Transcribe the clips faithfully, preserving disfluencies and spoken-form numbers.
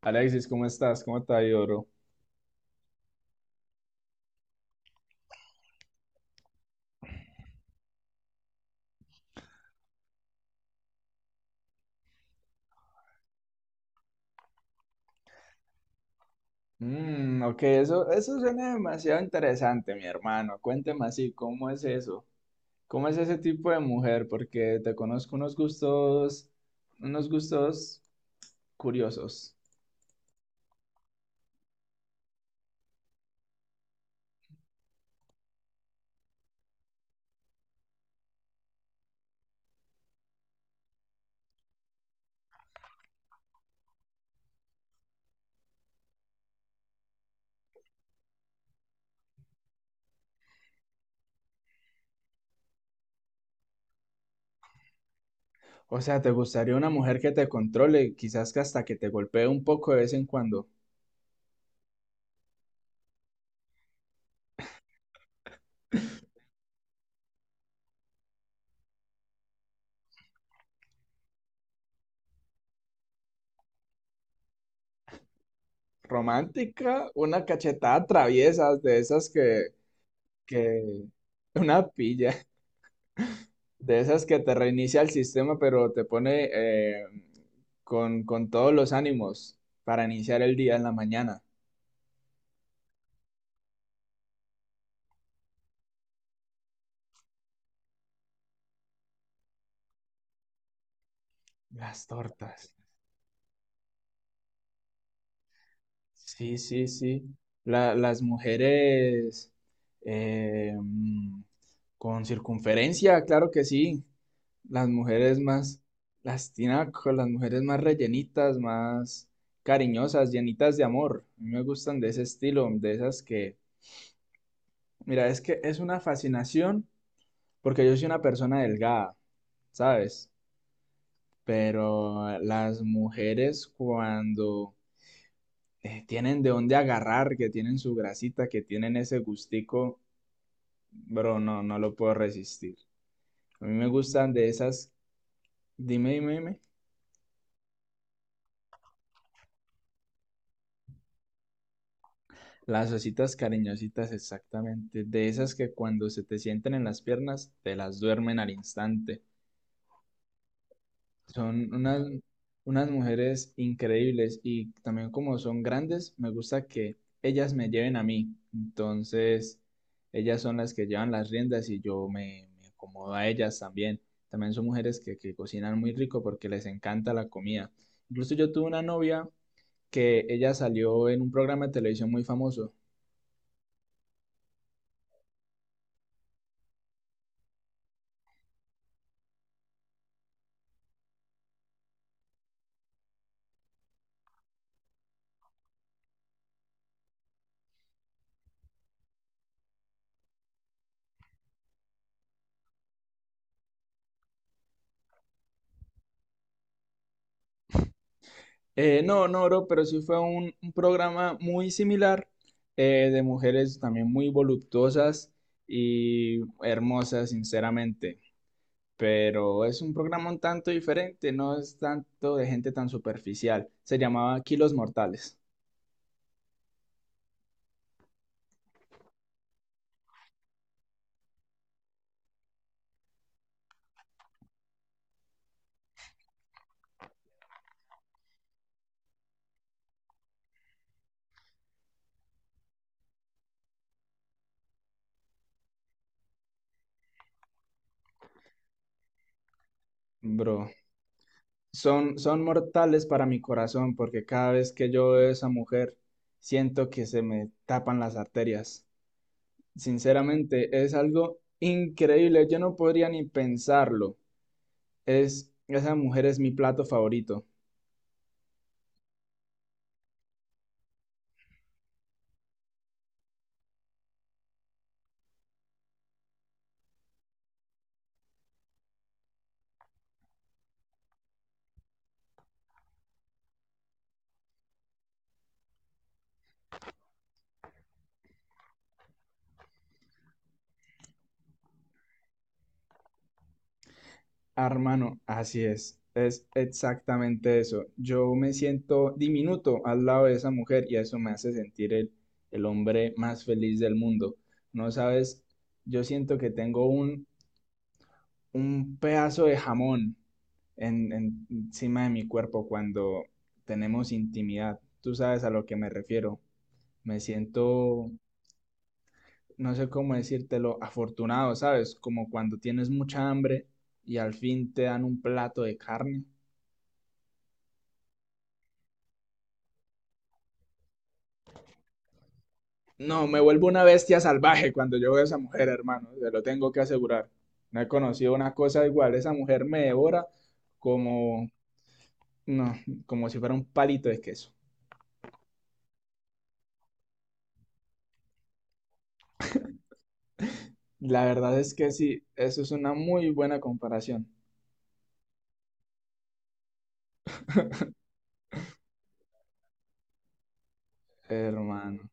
Alexis, ¿cómo estás? ¿Cómo te ha ido, bro? Mm, ok, eso, eso suena demasiado interesante, mi hermano. Cuénteme así, ¿cómo es eso? ¿Cómo es ese tipo de mujer? Porque te conozco unos gustos, unos gustos curiosos. O sea, ¿te gustaría una mujer que te controle, quizás que hasta que te golpee un poco de vez en cuando? ¿Romántica? ¿Una cachetada traviesa de esas que, que, una pilla? De esas que te reinicia el sistema, pero te pone eh, con, con todos los ánimos para iniciar el día en la mañana. Las tortas. Sí, sí, sí. La- las mujeres eh, mm, con circunferencia, claro que sí. Las mujeres más, las tinacos, las mujeres más rellenitas, más cariñosas, llenitas de amor. A mí me gustan de ese estilo, de esas que, mira, es que es una fascinación porque yo soy una persona delgada, ¿sabes? Pero las mujeres cuando eh, tienen de dónde agarrar, que tienen su grasita, que tienen ese gustico, bro, no, no lo puedo resistir. A mí me gustan de esas, dime, dime, dime, las ositas cariñositas exactamente, de esas que cuando se te sienten en las piernas, te las duermen al instante. Son unas, unas mujeres increíbles y también como son grandes, me gusta que ellas me lleven a mí. Entonces, ellas son las que llevan las riendas y yo me, me acomodo a ellas también. También son mujeres que, que cocinan muy rico porque les encanta la comida. Incluso yo tuve una novia que ella salió en un programa de televisión muy famoso. Eh, no, no, bro, pero sí fue un, un programa muy similar eh, de mujeres también muy voluptuosas y hermosas, sinceramente. Pero es un programa un tanto diferente, no es tanto de gente tan superficial. Se llamaba Kilos Mortales, bro. Son, son mortales para mi corazón porque cada vez que yo veo a esa mujer siento que se me tapan las arterias. Sinceramente, es algo increíble. Yo no podría ni pensarlo. Es, esa mujer es mi plato favorito. Ah, hermano, así es. Es exactamente eso. Yo me siento diminuto al lado de esa mujer y eso me hace sentir el, el hombre más feliz del mundo. No sabes, yo siento que tengo un, un pedazo de jamón en, en- encima de mi cuerpo cuando tenemos intimidad. Tú sabes a lo que me refiero. Me siento no sé cómo decírtelo, afortunado, ¿sabes? Como cuando tienes mucha hambre y al fin te dan un plato de carne. No, me vuelvo una bestia salvaje cuando yo veo a esa mujer, hermano, te lo tengo que asegurar. No he conocido una cosa igual, esa mujer me devora como, no, como si fuera un palito de queso. La verdad es que sí, eso es una muy buena comparación, hermano.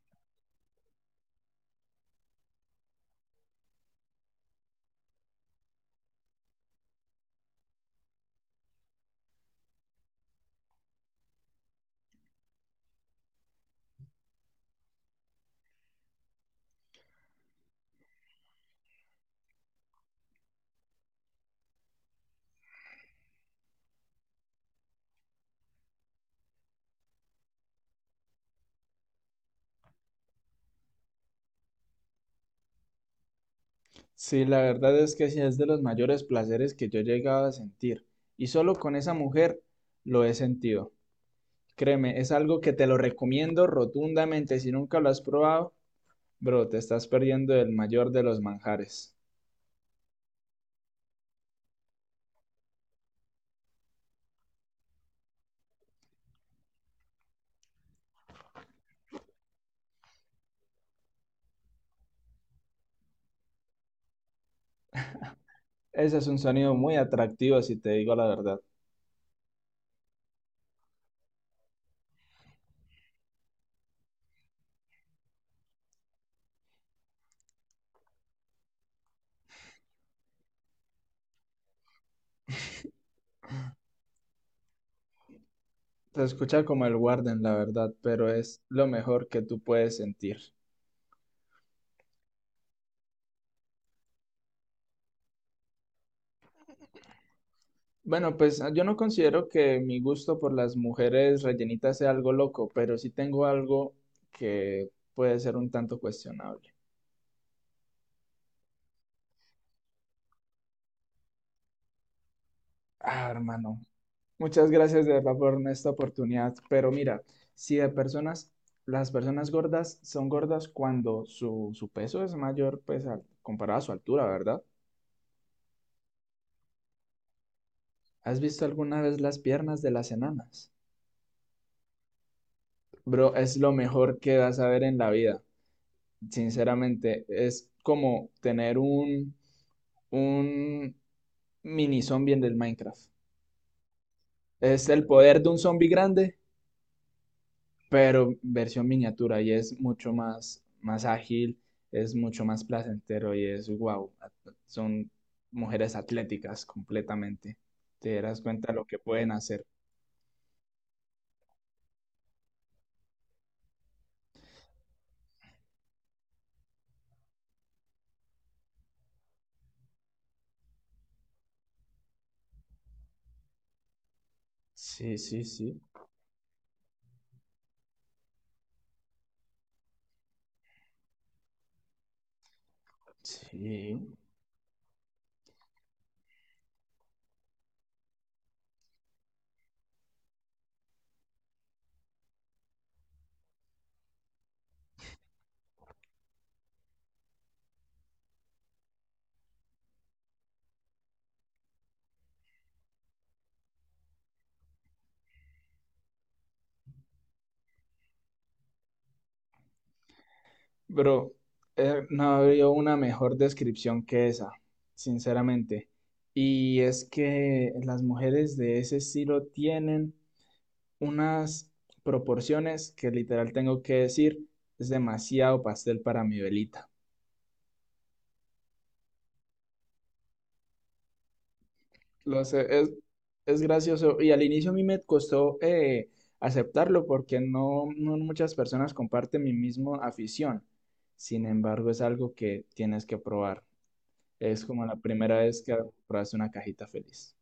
Sí, la verdad es que sí es de los mayores placeres que yo he llegado a sentir. Y solo con esa mujer lo he sentido. Créeme, es algo que te lo recomiendo rotundamente. Si nunca lo has probado, bro, te estás perdiendo el mayor de los manjares. Ese es un sonido muy atractivo, si te digo la verdad. Se escucha como el Warden, la verdad, pero es lo mejor que tú puedes sentir. Bueno, pues ah, yo no considero que mi gusto por las mujeres rellenitas sea algo loco, pero sí tengo algo que puede ser un tanto cuestionable. Ah, hermano. Muchas gracias de verdad por esta oportunidad, pero mira, si de personas, las personas gordas son gordas cuando su, su peso es mayor, pues al- comparado a su altura, ¿verdad? ¿Has visto alguna vez las piernas de las enanas? Bro, es lo mejor que vas a ver en la vida, sinceramente, es como tener un, un mini zombie en el Minecraft. Es el poder de un zombie grande pero versión miniatura y es mucho más, más ágil, es mucho más placentero y es wow, son mujeres atléticas completamente. Te darás cuenta lo que pueden hacer. Sí, sí, sí, sí. Bro, eh, no había una mejor descripción que esa, sinceramente. Y es que las mujeres de ese estilo tienen unas proporciones que literal tengo que decir, es demasiado pastel para mi velita. Lo sé, es, es gracioso. Y al inicio a mí me costó eh, aceptarlo porque no, no muchas personas comparten mi misma afición. Sin embargo, es algo que tienes que probar. Es como la primera vez que pruebas una cajita feliz.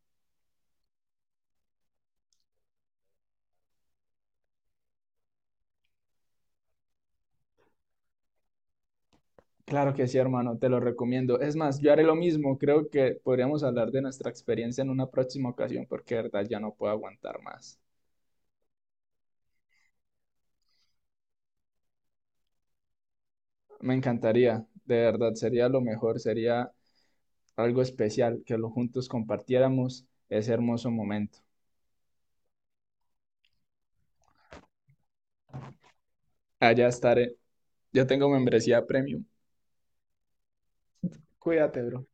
Claro que sí, hermano, te lo recomiendo. Es más, yo haré lo mismo. Creo que podríamos hablar de nuestra experiencia en una próxima ocasión porque de verdad ya no puedo aguantar más. Me encantaría, de verdad, sería lo mejor, sería algo especial, que lo juntos compartiéramos ese hermoso momento. Allá estaré. Yo tengo membresía premium. Cuídate, bro.